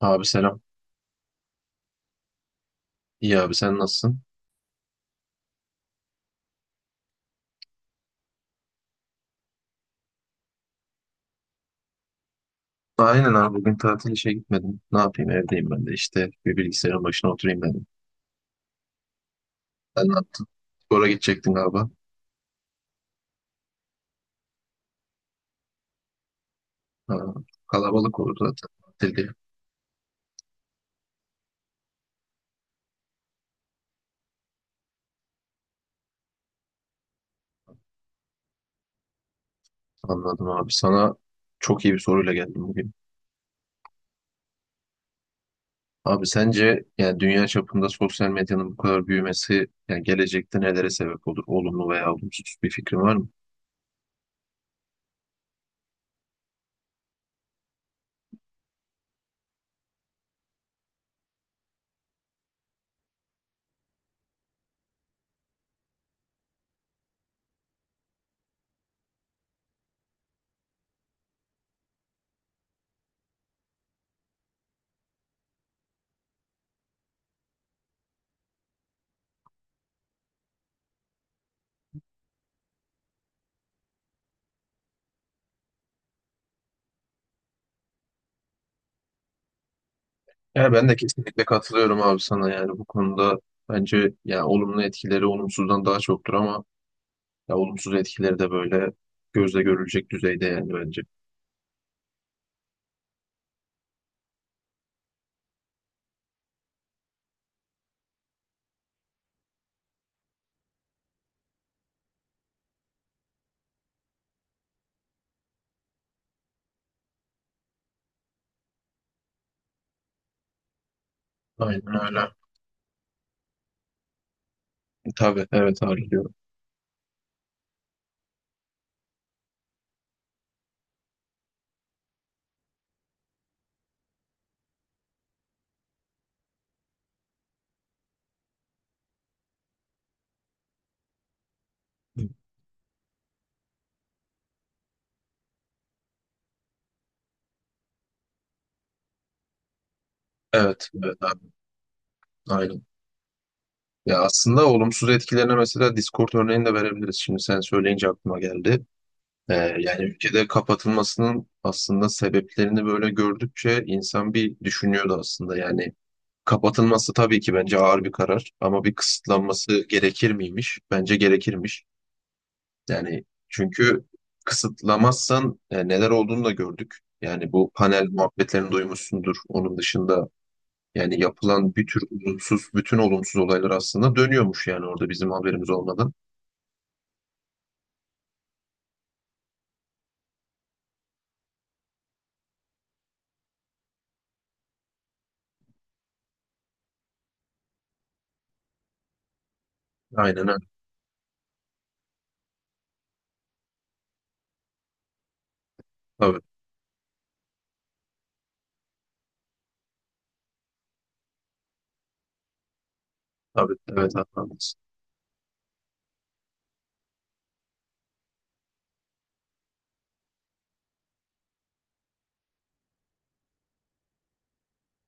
Abi selam. İyi abi sen nasılsın? Aynen abi bugün tatil işe gitmedim. Ne yapayım evdeyim ben de işte bir bilgisayarın başına oturayım dedim. Sen ne yaptın? Spora gidecektin galiba. Ha, kalabalık olur zaten tatil diye. Anladım abi. Sana çok iyi bir soruyla geldim bugün. Abi sence yani dünya çapında sosyal medyanın bu kadar büyümesi yani gelecekte nelere sebep olur? Olumlu veya olumsuz bir fikrin var mı? Yani ben de kesinlikle katılıyorum abi sana yani bu konuda bence yani olumlu etkileri olumsuzdan daha çoktur ama ya olumsuz etkileri de böyle gözle görülecek düzeyde yani bence. Aynen öyle. Tabii evet harcıyorum. Evet evet abi aynen. Ya aslında olumsuz etkilerine mesela Discord örneğini de verebiliriz. Şimdi sen söyleyince aklıma geldi. Yani ülkede kapatılmasının aslında sebeplerini böyle gördükçe insan bir düşünüyordu aslında. Yani kapatılması tabii ki bence ağır bir karar ama bir kısıtlanması gerekir miymiş? Bence gerekirmiş. Yani çünkü kısıtlamazsan neler olduğunu da gördük. Yani bu panel muhabbetlerini duymuşsundur. Onun dışında yani yapılan bir tür olumsuz, bütün olumsuz olaylar aslında dönüyormuş yani orada bizim haberimiz olmadan. Aynen öyle. Tabii, tabii, evet haklısın.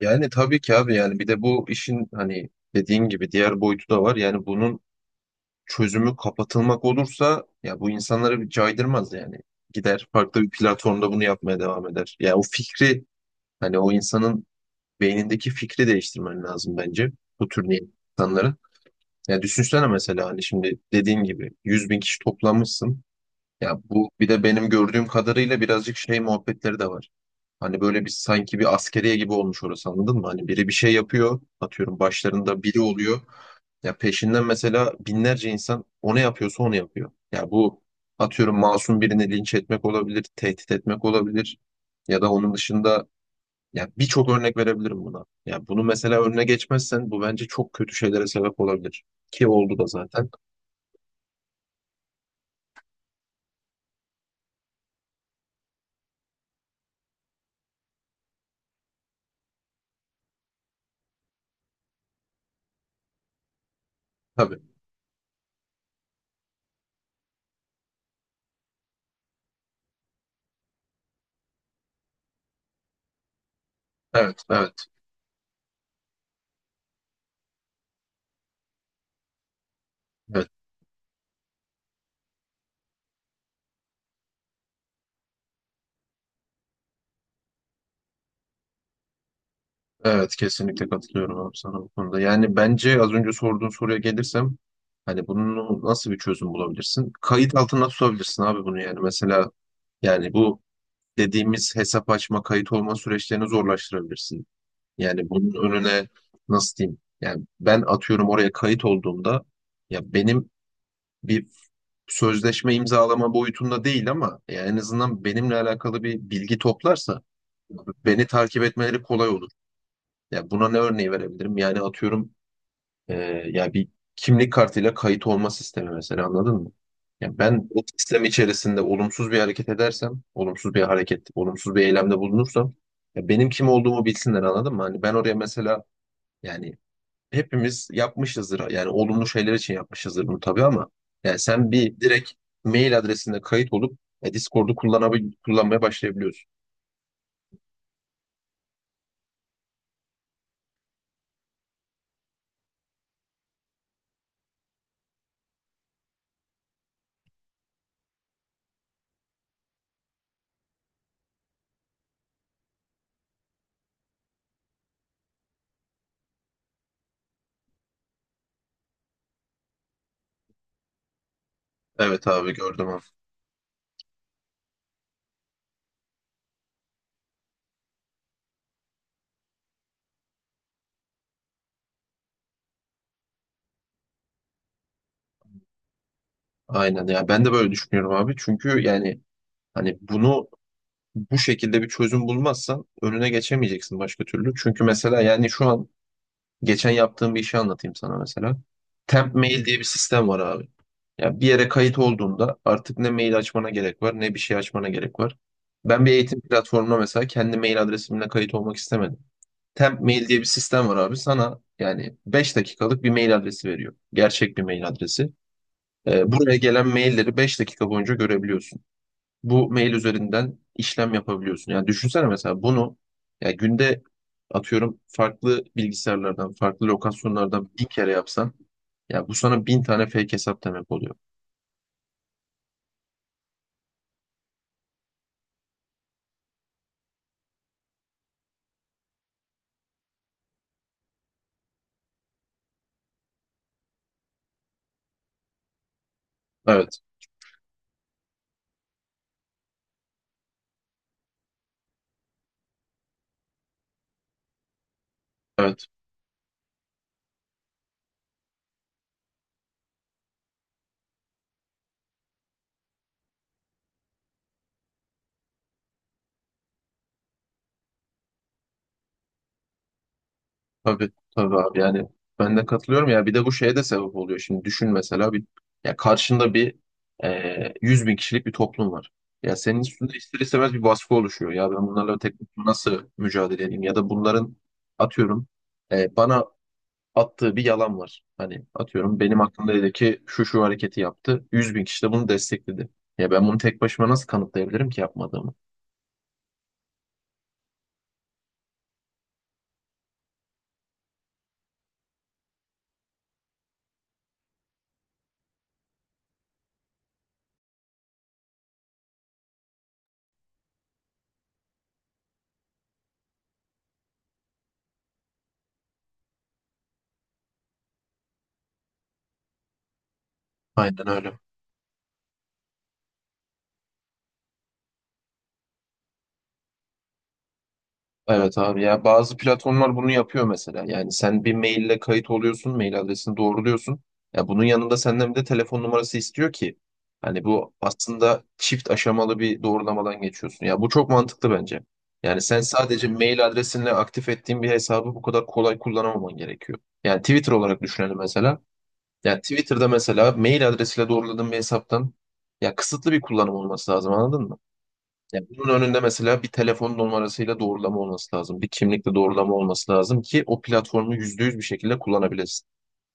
Yani tabii ki abi yani bir de bu işin hani dediğin gibi diğer boyutu da var. Yani bunun çözümü kapatılmak olursa ya bu insanları bir caydırmaz yani. Gider farklı bir platformda bunu yapmaya devam eder. Ya o fikri hani o insanın beynindeki fikri değiştirmen lazım bence bu tür niyetli insanların. Ya düşünsene mesela hani şimdi dediğin gibi 100 bin kişi toplamışsın. Ya bu bir de benim gördüğüm kadarıyla birazcık şey muhabbetleri de var. Hani böyle bir sanki bir askeriye gibi olmuş orası anladın mı? Hani biri bir şey yapıyor atıyorum başlarında biri oluyor. Ya peşinden mesela binlerce insan o ne yapıyorsa onu yapıyor. Ya bu atıyorum masum birini linç etmek olabilir, tehdit etmek olabilir. Ya da onun dışında ya birçok örnek verebilirim buna. Ya bunu mesela önüne geçmezsen bu bence çok kötü şeylere sebep olabilir. Ki oldu da zaten. Tabii. Evet, evet, evet. Evet, kesinlikle katılıyorum abi sana bu konuda. Yani bence az önce sorduğun soruya gelirsem hani bunu nasıl bir çözüm bulabilirsin? Kayıt altına tutabilirsin abi bunu yani. Mesela yani bu dediğimiz hesap açma, kayıt olma süreçlerini zorlaştırabilirsin. Yani bunun önüne nasıl diyeyim? Yani ben atıyorum oraya kayıt olduğumda ya benim bir sözleşme imzalama boyutunda değil ama yani en azından benimle alakalı bir bilgi toplarsa beni takip etmeleri kolay olur. Ya buna ne örneği verebilirim? Yani atıyorum e, ya bir kimlik kartıyla kayıt olma sistemi mesela anladın mı? Ya ben o sistem içerisinde olumsuz bir hareket edersem, olumsuz bir hareket, olumsuz bir eylemde bulunursam ya benim kim olduğumu bilsinler anladın mı? Hani ben oraya mesela yani hepimiz yapmışızdır. Yani olumlu şeyler için yapmışızdır bunu tabii ama yani sen bir direkt mail adresinde kayıt olup Discord'u kullanmaya başlayabiliyorsun. Evet abi gördüm abi. Aynen ya ben de böyle düşünüyorum abi. Çünkü yani hani bunu bu şekilde bir çözüm bulmazsan önüne geçemeyeceksin başka türlü. Çünkü mesela yani şu an geçen yaptığım bir işi anlatayım sana mesela. Temp mail diye bir sistem var abi. Ya bir yere kayıt olduğunda artık ne mail açmana gerek var, ne bir şey açmana gerek var. Ben bir eğitim platformuna mesela kendi mail adresimle kayıt olmak istemedim. Temp Mail diye bir sistem var abi. Sana yani 5 dakikalık bir mail adresi veriyor. Gerçek bir mail adresi. Buraya gelen mailleri 5 dakika boyunca görebiliyorsun. Bu mail üzerinden işlem yapabiliyorsun. Yani düşünsene mesela bunu ya günde atıyorum farklı bilgisayarlardan, farklı lokasyonlardan bin kere yapsan ya bu sana bin tane fake hesap demek oluyor. Evet, evet. Tabii tabii abi yani ben de katılıyorum ya bir de bu şeye de sebep oluyor. Şimdi düşün mesela bir ya karşında bir 100 bin kişilik bir toplum var. Ya senin üstünde ister istemez bir baskı oluşuyor. Ya ben bunlarla tek başıma nasıl mücadele edeyim? Ya da bunların atıyorum bana attığı bir yalan var. Hani atıyorum benim hakkımda dedi ki şu şu hareketi yaptı. 100 bin kişi de bunu destekledi. Ya ben bunu tek başıma nasıl kanıtlayabilirim ki yapmadığımı? Aynen öyle. Evet abi ya bazı platformlar bunu yapıyor mesela. Yani sen bir maille kayıt oluyorsun, mail adresini doğruluyorsun. Ya bunun yanında senden bir de telefon numarası istiyor ki hani bu aslında çift aşamalı bir doğrulamadan geçiyorsun. Ya bu çok mantıklı bence. Yani sen sadece mail adresinle aktif ettiğin bir hesabı bu kadar kolay kullanamaman gerekiyor. Yani Twitter olarak düşünelim mesela. Yani Twitter'da mesela mail adresiyle doğruladığın bir hesaptan ya kısıtlı bir kullanım olması lazım anladın mı? Yani bunun önünde mesela bir telefon numarasıyla doğrulama olması lazım. Bir kimlikle doğrulama olması lazım ki o platformu %100 bir şekilde kullanabilesin.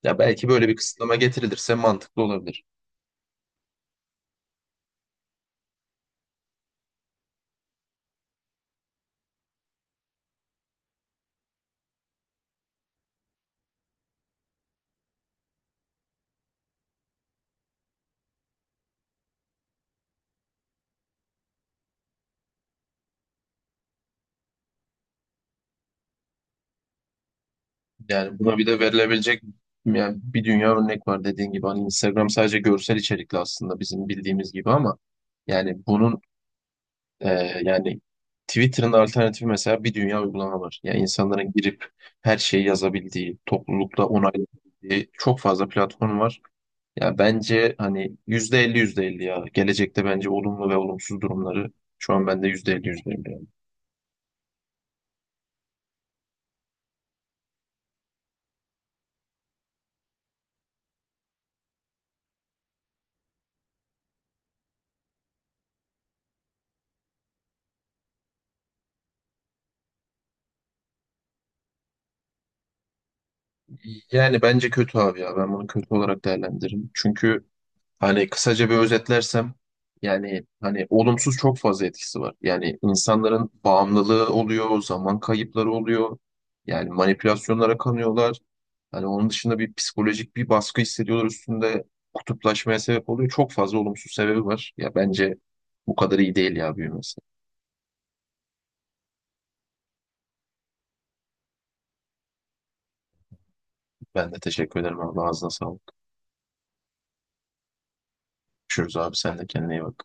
Ya belki böyle bir kısıtlama getirilirse mantıklı olabilir. Yani buna bir de verilebilecek yani bir dünya örnek var dediğin gibi. Hani Instagram sadece görsel içerikli aslında bizim bildiğimiz gibi ama yani bunun e, yani Twitter'ın alternatifi mesela bir dünya uygulama var. Yani insanların girip her şeyi yazabildiği, toplulukla onaylayabildiği çok fazla platform var. Ya bence hani %50 %50 ya. Gelecekte bence olumlu ve olumsuz durumları şu an bende %50 %50. Yani bence kötü abi ya. Ben bunu kötü olarak değerlendiririm. Çünkü hani kısaca bir özetlersem yani hani olumsuz çok fazla etkisi var. Yani insanların bağımlılığı oluyor, zaman kayıpları oluyor. Yani manipülasyonlara kanıyorlar. Hani onun dışında bir psikolojik bir baskı hissediyorlar üstünde. Kutuplaşmaya sebep oluyor. Çok fazla olumsuz sebebi var. Ya bence bu kadar iyi değil ya büyümesi. Ben de teşekkür ederim abi. Ağzına sağlık. Görüşürüz abi. Sen de kendine iyi bak.